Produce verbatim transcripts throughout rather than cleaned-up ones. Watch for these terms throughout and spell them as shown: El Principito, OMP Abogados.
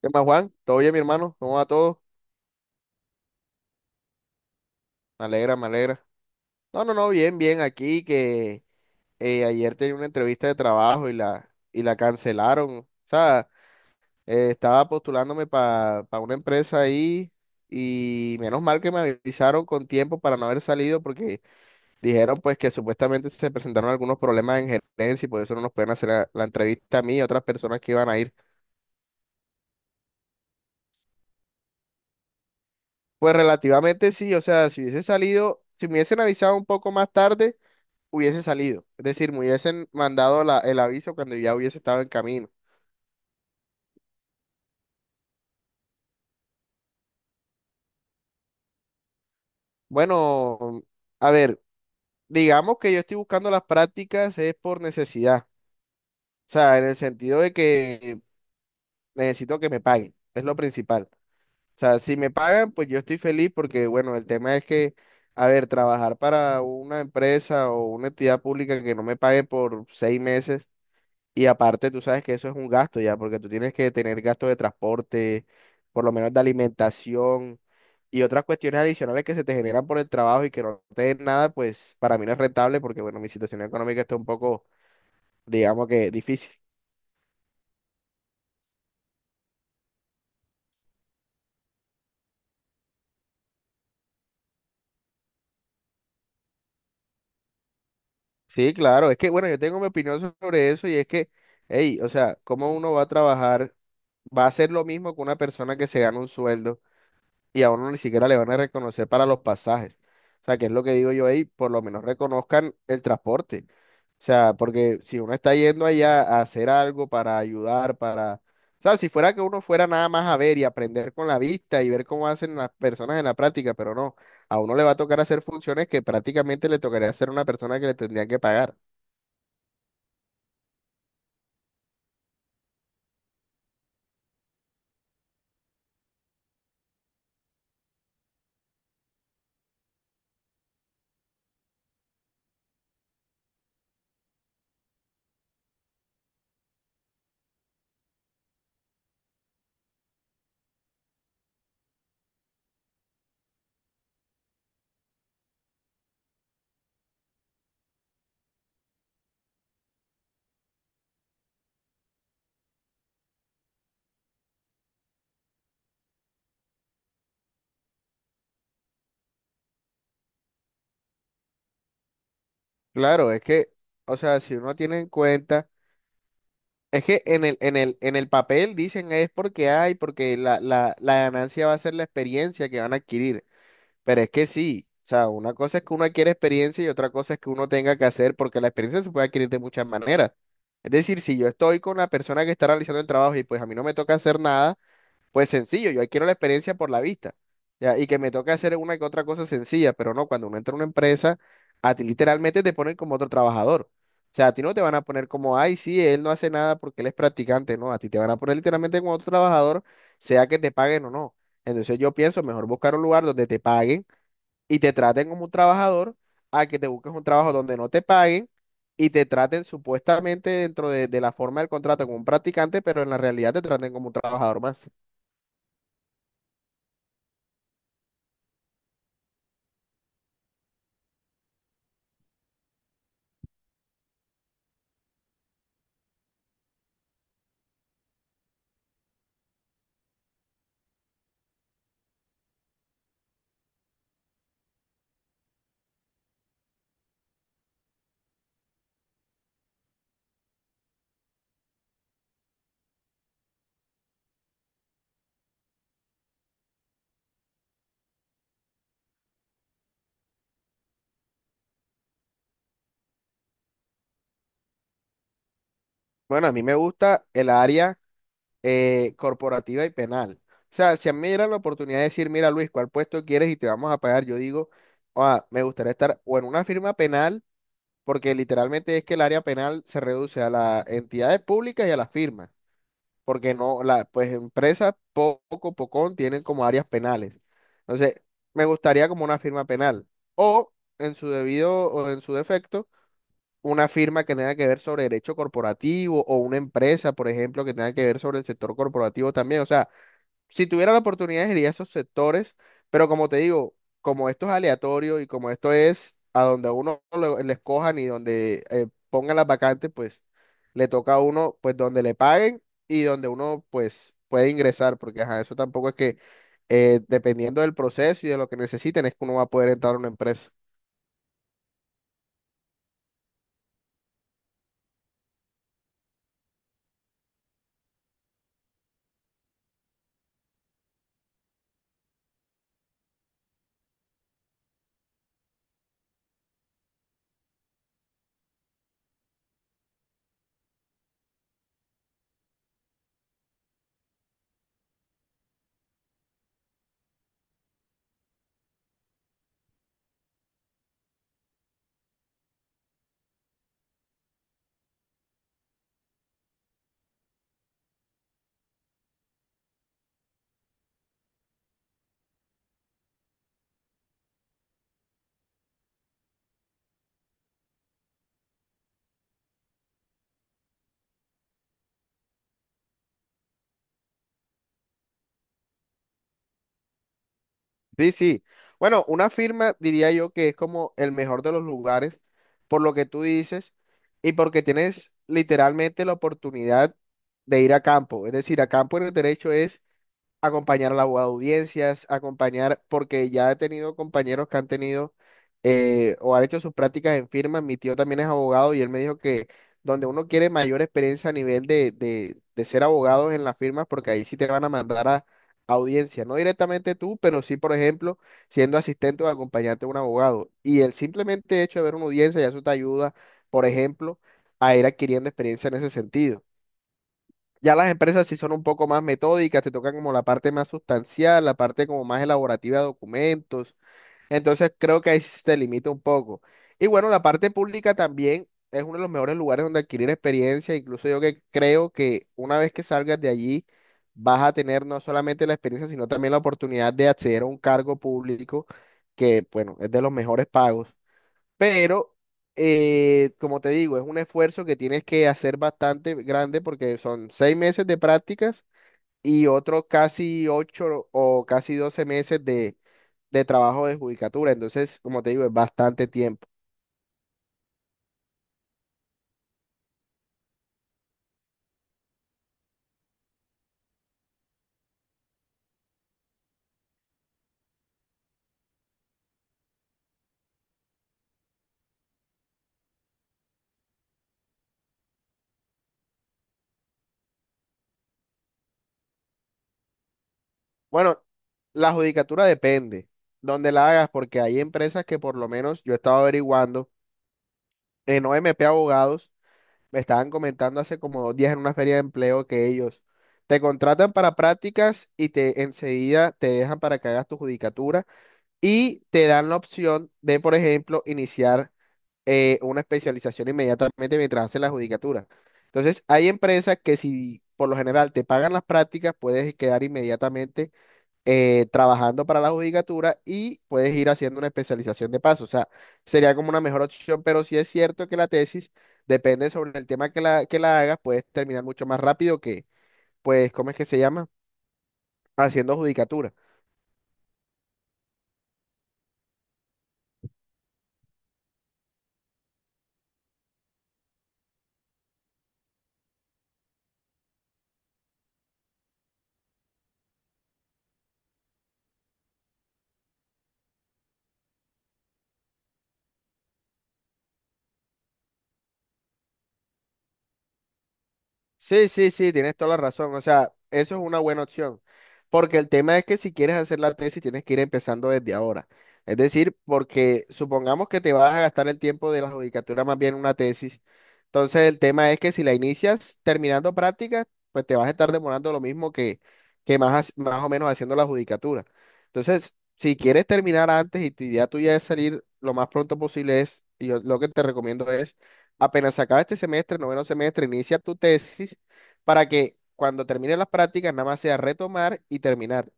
¿Qué más, Juan? ¿Todo bien, mi hermano? ¿Cómo va todo? Me alegra, me alegra. No, no, no, bien, bien. Aquí que eh, ayer tenía una entrevista de trabajo y la, y la cancelaron. O sea, eh, estaba postulándome para una empresa ahí y menos mal que me avisaron con tiempo para no haber salido porque dijeron pues que supuestamente se presentaron algunos problemas en gerencia y por eso no nos pueden hacer la, la entrevista a mí y a otras personas que iban a ir. Pues relativamente sí, o sea, si hubiese salido, si me hubiesen avisado un poco más tarde, hubiese salido. Es decir, me hubiesen mandado la- el aviso cuando ya hubiese estado en camino. Bueno, a ver, digamos que yo estoy buscando las prácticas es por necesidad. O sea, en el sentido de que necesito que me paguen. Es lo principal. O sea, si me pagan, pues yo estoy feliz porque, bueno, el tema es que, a ver, trabajar para una empresa o una entidad pública que no me pague por seis meses. Y aparte, tú sabes que eso es un gasto ya, porque tú tienes que tener gastos de transporte, por lo menos de alimentación, y otras cuestiones adicionales que se te generan por el trabajo y que no te den nada, pues para mí no es rentable porque, bueno, mi situación económica está un poco, digamos que difícil. Sí, claro, es que, bueno, yo tengo mi opinión sobre eso y es que, hey, o sea, ¿cómo uno va a trabajar, va a hacer lo mismo que una persona que se gana un sueldo? Y a uno ni siquiera le van a reconocer para los pasajes. O sea, que es lo que digo yo ahí, por lo menos reconozcan el transporte. O sea, porque si uno está yendo allá a hacer algo para ayudar, para... O sea, si fuera que uno fuera nada más a ver y aprender con la vista y ver cómo hacen las personas en la práctica, pero no, a uno le va a tocar hacer funciones que prácticamente le tocaría hacer a una persona que le tendría que pagar. Claro, es que, o sea, si uno tiene en cuenta. Es que en el, en el, en el papel dicen es porque hay, porque la, la, la ganancia va a ser la experiencia que van a adquirir. Pero es que sí, o sea, una cosa es que uno adquiere experiencia y otra cosa es que uno tenga que hacer, porque la experiencia se puede adquirir de muchas maneras. Es decir, si yo estoy con la persona que está realizando el trabajo y pues a mí no me toca hacer nada. Pues sencillo, yo adquiero la experiencia por la vista, ya, y que me toca hacer una que otra cosa sencilla, pero no, cuando uno entra a una empresa, a ti literalmente te ponen como otro trabajador. O sea, a ti no te van a poner como, ay, sí, él no hace nada porque él es practicante, no, a ti te van a poner literalmente como otro trabajador, sea que te paguen o no. Entonces yo pienso, mejor buscar un lugar donde te paguen y te traten como un trabajador, a que te busques un trabajo donde no te paguen y te traten supuestamente dentro de de la forma del contrato como un practicante, pero en la realidad te traten como un trabajador más. Bueno, a mí me gusta el área eh, corporativa y penal. O sea, si a mí me dieran la oportunidad de decir, mira Luis, ¿cuál puesto quieres y te vamos a pagar? Yo digo, "Ah, me gustaría estar o en una firma penal, porque literalmente es que el área penal se reduce a las entidades públicas y a las firmas, porque no, la, pues empresas poco, pocón tienen como áreas penales. Entonces, me gustaría como una firma penal. O en su debido, o en su defecto una firma que tenga que ver sobre derecho corporativo o una empresa, por ejemplo, que tenga que ver sobre el sector corporativo también. O sea, si tuviera la oportunidad, iría a esos sectores, pero como te digo, como esto es aleatorio y como esto es a donde a uno lo- le escojan y donde eh, pongan las vacantes, pues le toca a uno, pues donde le paguen y donde uno, pues, puede ingresar, porque ajá, eso tampoco es que eh, dependiendo del proceso y de lo que necesiten, es que uno va a poder entrar a una empresa. Sí, sí. Bueno, una firma diría yo que es como el mejor de los lugares por lo que tú dices y porque tienes literalmente la oportunidad de ir a campo. Es decir, a campo en el derecho es acompañar al abogado de audiencias, acompañar, porque ya he tenido compañeros que han tenido eh, o han hecho sus prácticas en firmas. Mi tío también es abogado y él me dijo que donde uno quiere mayor experiencia a nivel de, de, de ser abogado en las firmas, porque ahí sí te van a mandar a audiencia, no directamente tú, pero sí, por ejemplo, siendo asistente o acompañante de un abogado. Y el simplemente hecho de ver una audiencia, ya eso te ayuda, por ejemplo, a ir adquiriendo experiencia en ese sentido. Ya las empresas sí son un poco más metódicas, te tocan como la parte más sustancial, la parte como más elaborativa de documentos. Entonces creo que ahí sí se limita un poco. Y bueno, la parte pública también es uno de los mejores lugares donde adquirir experiencia. Incluso yo que creo que una vez que salgas de allí, vas a tener no solamente la experiencia, sino también la oportunidad de acceder a un cargo público que, bueno, es de los mejores pagos. Pero, eh, como te digo, es un esfuerzo que tienes que hacer bastante grande porque son seis meses de prácticas y otros casi ocho o casi doce meses de, de trabajo de judicatura. Entonces, como te digo, es bastante tiempo. Bueno, la judicatura depende donde la hagas porque hay empresas que por lo menos yo he estado averiguando en O M P Abogados. Me estaban comentando hace como dos días en una feria de empleo que ellos te contratan para prácticas y te enseguida te dejan para que hagas tu judicatura y te dan la opción de, por ejemplo, iniciar eh, una especialización inmediatamente mientras haces la judicatura. Entonces, hay empresas que si por lo general te pagan las prácticas, puedes quedar inmediatamente eh, trabajando para la judicatura y puedes ir haciendo una especialización de paso. O sea, sería como una mejor opción, pero sí es cierto que la tesis depende sobre el tema que la, que la hagas, puedes terminar mucho más rápido que, pues, ¿cómo es que se llama? Haciendo judicatura. Sí, sí, sí, tienes toda la razón. O sea, eso es una buena opción. Porque el tema es que si quieres hacer la tesis, tienes que ir empezando desde ahora. Es decir, porque supongamos que te vas a gastar el tiempo de la judicatura más bien en una tesis. Entonces, el tema es que si la inicias terminando prácticas, pues te vas a estar demorando lo mismo que, que más, hac- más o menos haciendo la judicatura. Entonces, si quieres terminar antes y tu idea tuya es salir lo más pronto posible, es, y yo lo que te recomiendo es apenas se acabe este semestre, noveno semestre, inicia tu tesis para que cuando termine las prácticas nada más sea retomar y terminar.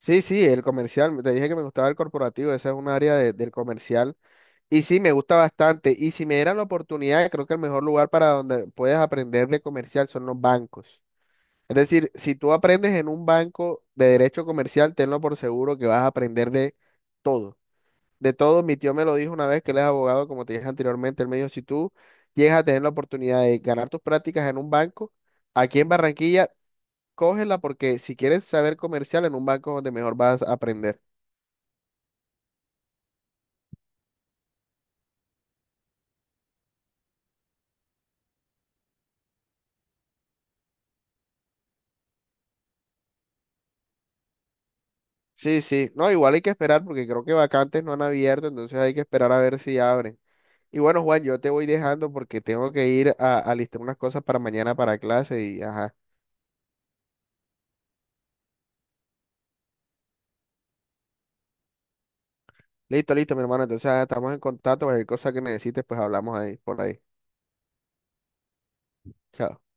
Sí, sí, el comercial, te dije que me gustaba el corporativo, esa es un área de- del comercial. Y sí, me gusta bastante. Y si me dieran la oportunidad, creo que el mejor lugar para donde puedes aprender de comercial son los bancos. Es decir, si tú aprendes en un banco de derecho comercial, tenlo por seguro que vas a aprender de todo. De todo, mi tío me lo dijo una vez que él es abogado, como te dije anteriormente, él me dijo, si tú llegas a tener la oportunidad de ganar tus prácticas en un banco, aquí en Barranquilla, cógela porque si quieres saber comercial en un banco es donde mejor vas a aprender. Sí, sí, no, igual hay que esperar porque creo que vacantes no han abierto, entonces hay que esperar a ver si abren. Y bueno, Juan, yo te voy dejando porque tengo que ir a, a listar unas cosas para mañana para clase y ajá. Listo, listo, mi hermano, entonces ah, estamos en contacto, cualquier cosa que necesites, pues hablamos ahí, por ahí. Chao.